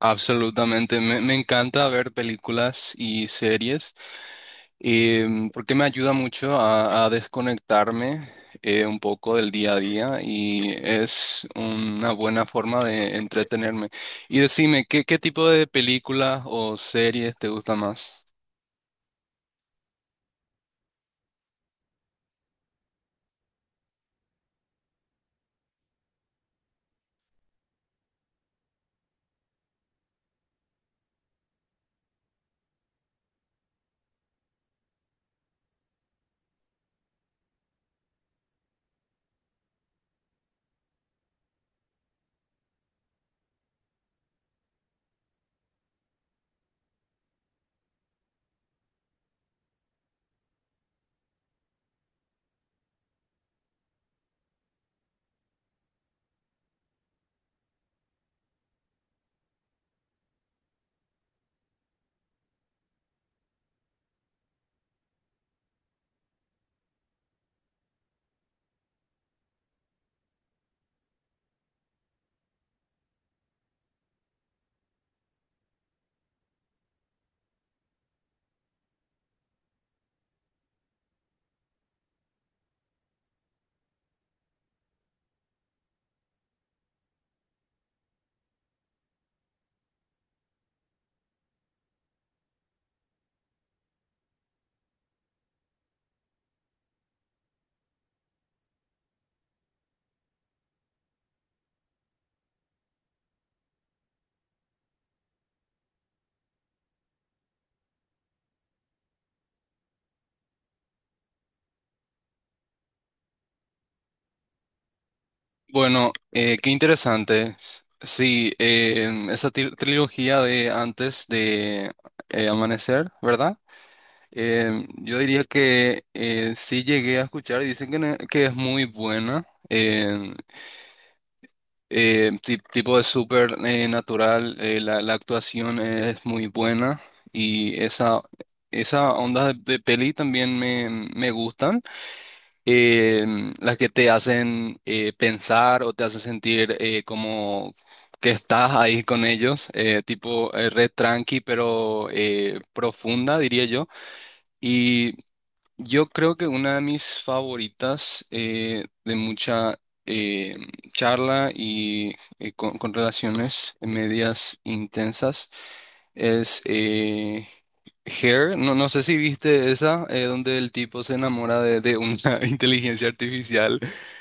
Absolutamente, me encanta ver películas y series porque me ayuda mucho a desconectarme un poco del día a día y es una buena forma de entretenerme. Y decime, ¿qué tipo de películas o series te gusta más? Bueno, qué interesante. Sí, esa trilogía de antes de amanecer, ¿verdad? Yo diría que sí llegué a escuchar y dicen que es muy buena, tipo de súper natural. La actuación es muy buena y esa onda de peli también me gustan, eh, las que te hacen pensar o te hacen sentir como... que estás ahí con ellos, tipo red tranqui pero profunda, diría yo. Yo creo que una de mis favoritas de mucha eh, charla y con relaciones medias intensas es Hair, no, no sé si viste esa, donde el tipo se enamora de una inteligencia artificial,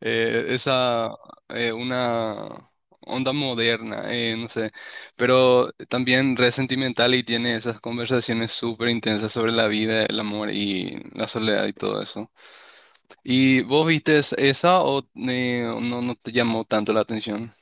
eh, esa, una onda moderna, no sé, pero también re sentimental y tiene esas conversaciones súper intensas sobre la vida, el amor y la soledad y todo eso. ¿Y vos viste esa o no, no te llamó tanto la atención?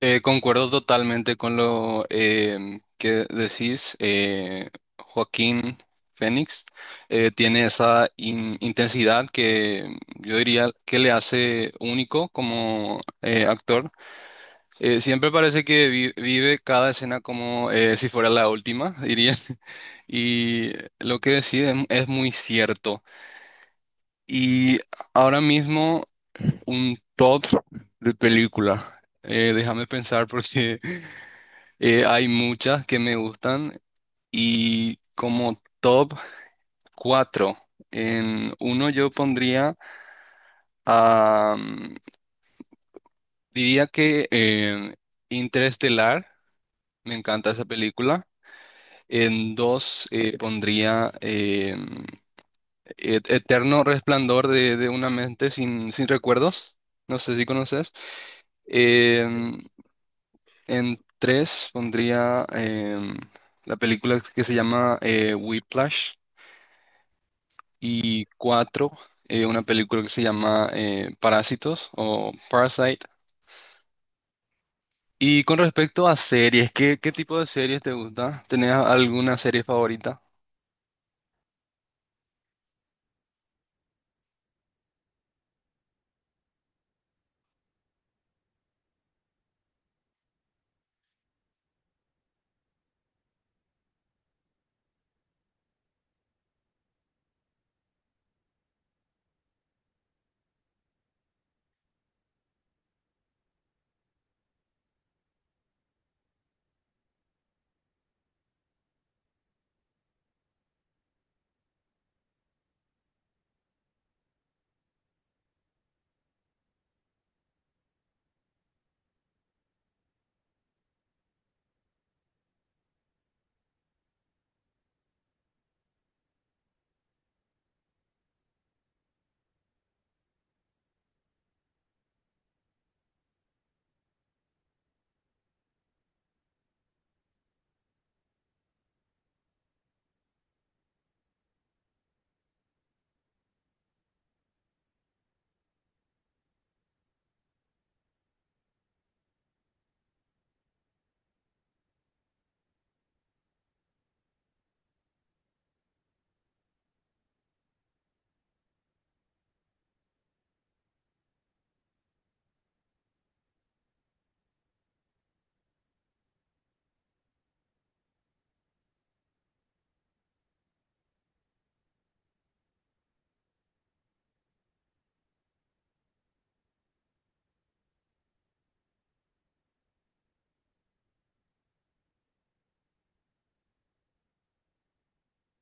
Concuerdo totalmente con lo que decís. Joaquín Fénix tiene esa intensidad que yo diría que le hace único como actor. Siempre parece que vive cada escena como si fuera la última, diría. Y lo que decís es muy cierto. Y ahora mismo un top de película. Déjame pensar porque... hay muchas que me gustan y como top 4 en uno yo pondría a diría que Interestelar, me encanta esa película. En dos pondría Eterno Resplandor de una mente sin recuerdos, no sé si conoces. Em, en tres pondría la película que se llama Whiplash. Y cuatro, una película que se llama Parásitos o Parasite. Y con respecto a series, ¿qué tipo de series te gusta? ¿Tenés alguna serie favorita?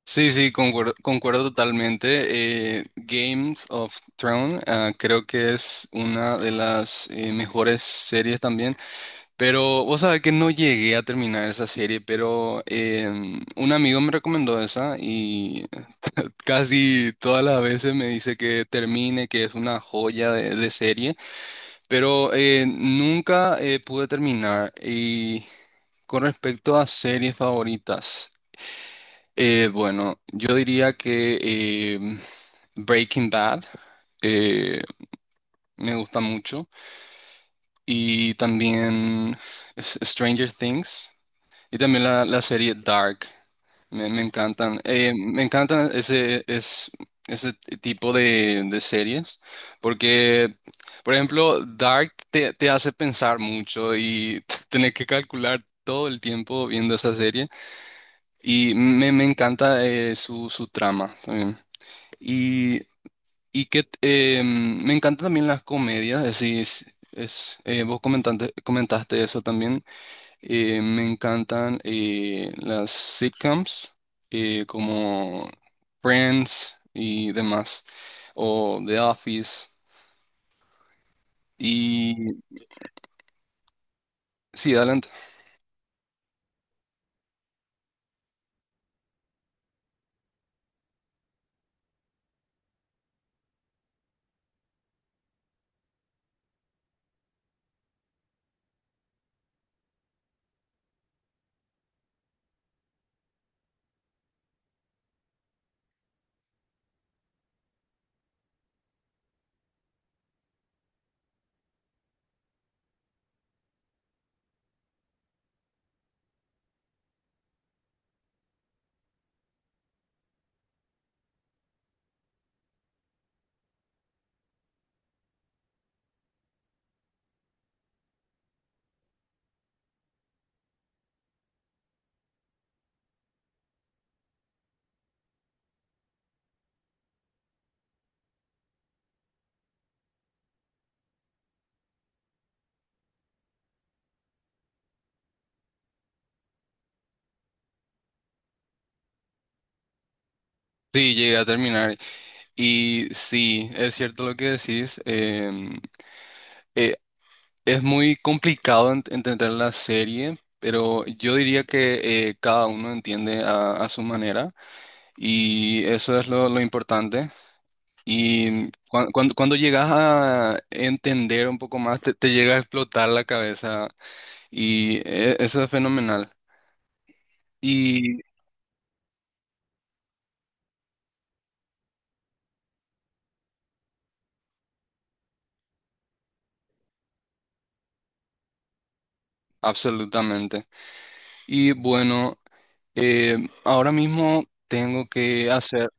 Sí, sí, concuerdo totalmente. Games of Thrones, ah, creo que es una de las mejores series también. Pero vos sabés que no llegué a terminar esa serie, pero un amigo me recomendó esa y casi todas las veces me dice que termine, que es una joya de serie, pero nunca pude terminar. Y con respecto a series favoritas, bueno, yo diría que Breaking Bad eh, me gusta mucho y también Stranger Things. Y también la serie Dark. Me encantan. Me encantan ese tipo de series. Porque, por ejemplo, Dark te hace pensar mucho y tener que calcular todo el tiempo viendo esa serie. Y me encanta su trama también. Y, y que me encantan también las comedias. Es decir, vos comentaste eso también. Me encantan las sitcoms como Friends y demás, o The Office. Y sí, adelante. Sí, llegué a terminar. Y sí, es cierto lo que decís. Eh, es muy complicado entender la serie, pero yo diría que cada uno entiende a su manera. Y eso es lo importante. Y cuando llegas a entender un poco más, te llega a explotar la cabeza y eso es fenomenal. Y absolutamente. Y bueno, eh, ahora mismo tengo que hacer,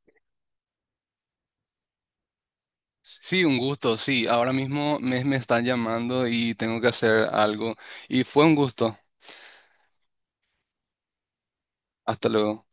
sí, un gusto, sí, ahora mismo me están llamando y tengo que hacer algo. Y fue un gusto. Hasta luego.